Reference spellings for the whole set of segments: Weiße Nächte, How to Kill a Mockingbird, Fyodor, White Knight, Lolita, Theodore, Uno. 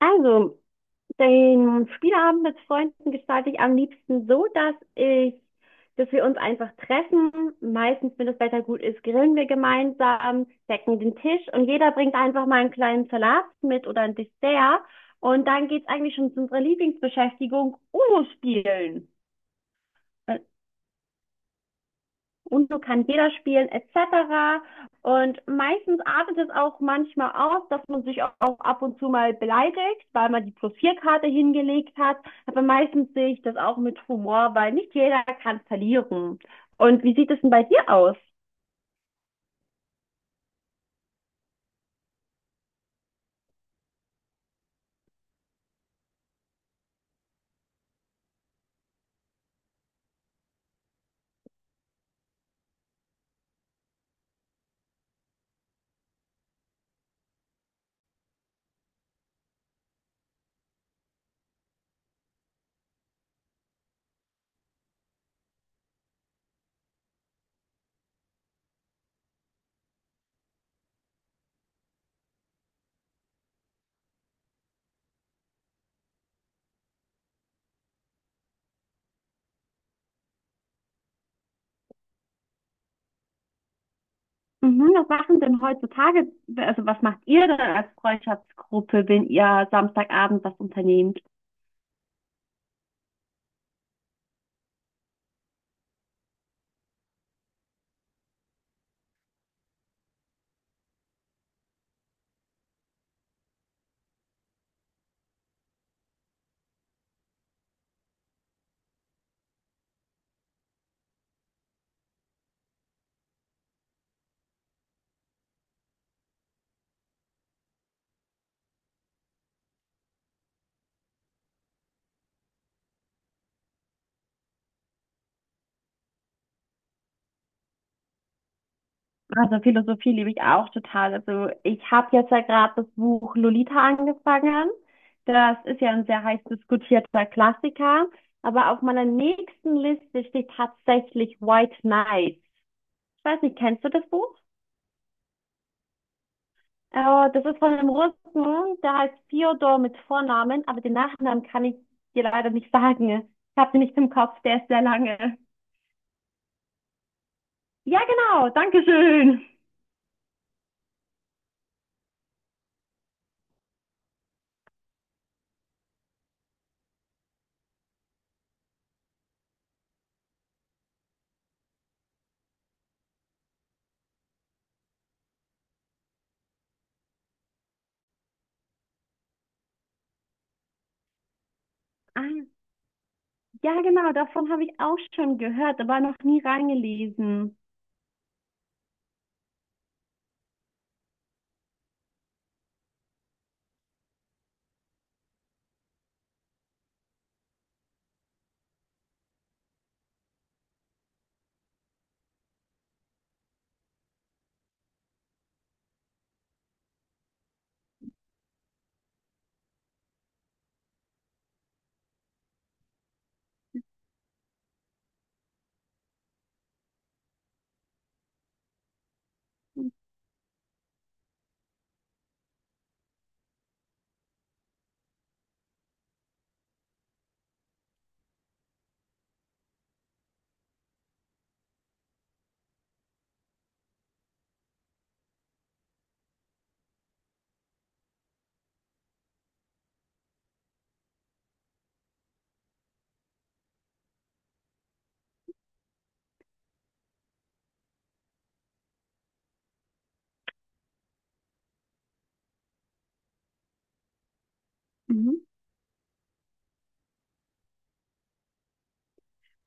Also, den Spieleabend mit Freunden gestalte ich am liebsten so, dass wir uns einfach treffen. Meistens, wenn das Wetter gut ist, grillen wir gemeinsam, decken den Tisch und jeder bringt einfach mal einen kleinen Salat mit oder ein Dessert. Und dann geht's eigentlich schon zu unserer Lieblingsbeschäftigung, Uno spielen. Äh, und so kann jeder spielen, etc. Und meistens artet es auch manchmal aus, dass man sich auch ab und zu mal beleidigt, weil man die Plus-4-Karte hingelegt hat. Aber meistens sehe ich das auch mit Humor, weil nicht jeder kann verlieren. Und wie sieht es denn bei dir aus? Mhm, was machen denn heutzutage, also was macht ihr denn als Freundschaftsgruppe, wenn ihr Samstagabend was unternehmt? Also Philosophie liebe ich auch total. Also ich habe jetzt ja gerade das Buch Lolita angefangen. Das ist ja ein sehr heiß diskutierter Klassiker. Aber auf meiner nächsten Liste steht tatsächlich White Knight. Ich weiß nicht, kennst du das Buch? Äh, das ist von einem Russen, der heißt Fyodor mit Vornamen, aber den Nachnamen kann ich dir leider nicht sagen. Ich habe den nicht im Kopf, der ist sehr lange. Ja, genau, danke schön. Ah, ja, genau, davon habe ich auch schon gehört, aber noch nie reingelesen. Mhm.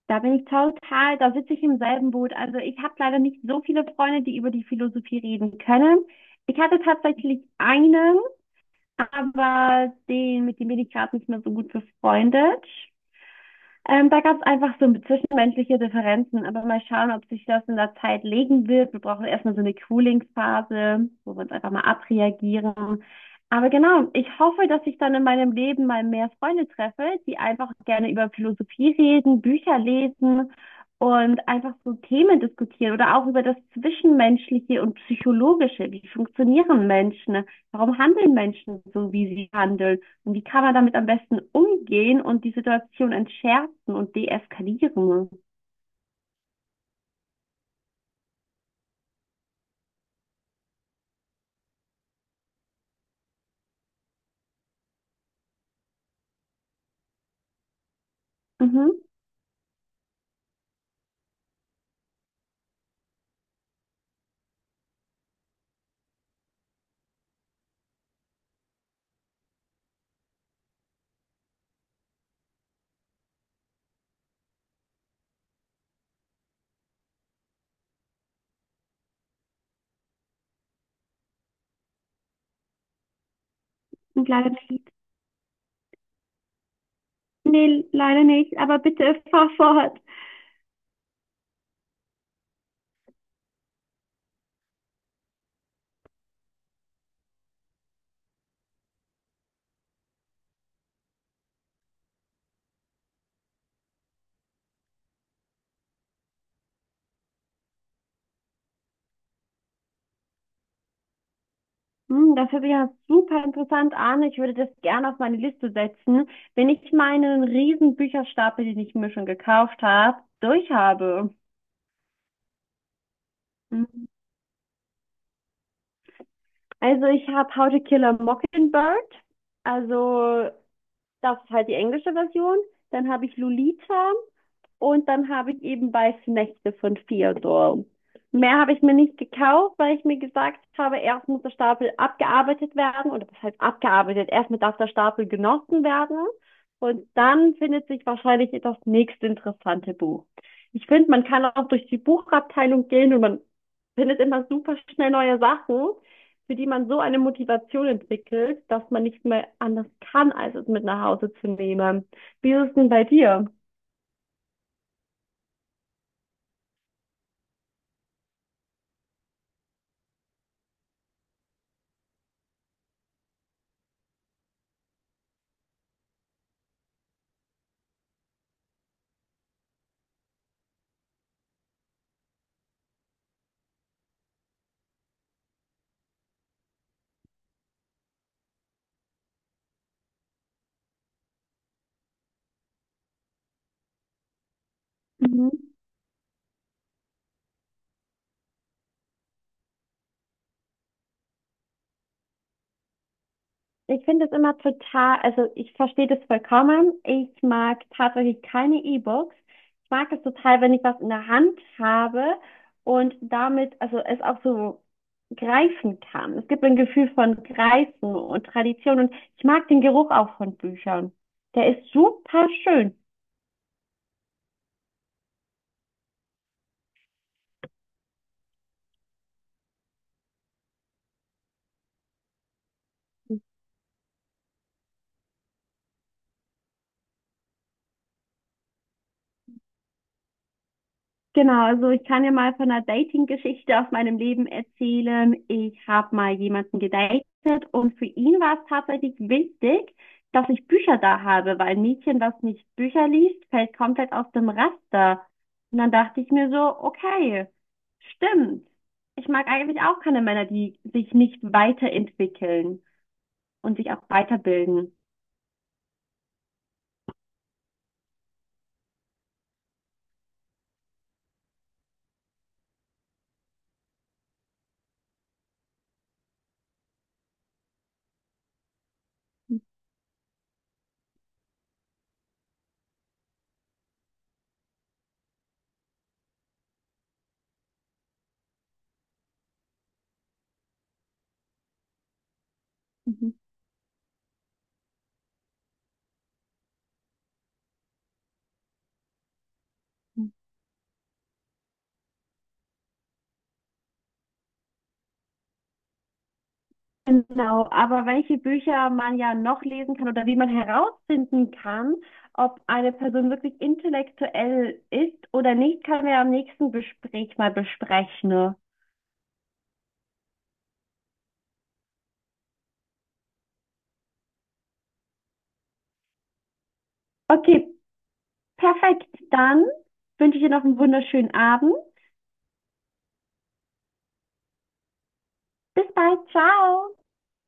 Da bin ich total, da sitze ich im selben Boot. Also ich habe leider nicht so viele Freunde, die über die Philosophie reden können. Ich hatte tatsächlich einen, aber den, mit dem bin ich gerade nicht mehr so gut befreundet. Da gab es einfach so zwischenmenschliche Differenzen, aber mal schauen, ob sich das in der Zeit legen wird. Wir brauchen erstmal so eine Cooling-Phase, wo wir uns einfach mal abreagieren. Aber genau, ich hoffe, dass ich dann in meinem Leben mal mehr Freunde treffe, die einfach gerne über Philosophie reden, Bücher lesen und einfach so Themen diskutieren oder auch über das Zwischenmenschliche und Psychologische. Wie funktionieren Menschen? Warum handeln Menschen so, wie sie handeln? Und wie kann man damit am besten umgehen und die Situation entschärfen und deeskalieren? Mhm. Und leider nicht. Nee, leider nicht, aber bitte fahr fort. Hm, das hört sich ja super interessant an. Ich würde das gerne auf meine Liste setzen, wenn ich meinen riesen Bücherstapel, den ich mir schon gekauft habe, durch habe. Mhm. Also ich habe How to Kill a Mockingbird. Also das ist halt die englische Version. Dann habe ich Lolita. Und dann habe ich eben Weiße Nächte von Theodore. Mehr habe ich mir nicht gekauft, weil ich mir gesagt habe, erst muss der Stapel abgearbeitet werden, oder was heißt abgearbeitet, erstmal darf der Stapel genossen werden. Und dann findet sich wahrscheinlich das nächste interessante Buch. Ich finde, man kann auch durch die Buchabteilung gehen und man findet immer super schnell neue Sachen, für die man so eine Motivation entwickelt, dass man nicht mehr anders kann, als es mit nach Hause zu nehmen. Wie ist es denn bei dir? Mhm. Ich finde es immer total, also ich verstehe das vollkommen. Ich mag tatsächlich keine E-Books. Ich mag es total, wenn ich was in der Hand habe und damit, also es auch so greifen kann. Es gibt ein Gefühl von Greifen und Tradition und ich mag den Geruch auch von Büchern. Der ist super schön. Genau, also ich kann ja mal von einer Dating-Geschichte aus meinem Leben erzählen. Ich habe mal jemanden gedatet und für ihn war es tatsächlich wichtig, dass ich Bücher da habe, weil ein Mädchen, was nicht Bücher liest, fällt komplett aus dem Raster. Und dann dachte ich mir so, okay, stimmt. Ich mag eigentlich auch keine Männer, die sich nicht weiterentwickeln und sich auch weiterbilden. Mhm. Genau, aber welche Bücher man ja noch lesen kann oder wie man herausfinden kann, ob eine Person wirklich intellektuell ist oder nicht, können wir am nächsten Gespräch mal besprechen. Okay, perfekt. Dann wünsche ich dir noch einen wunderschönen Abend. Bis bald. Ciao.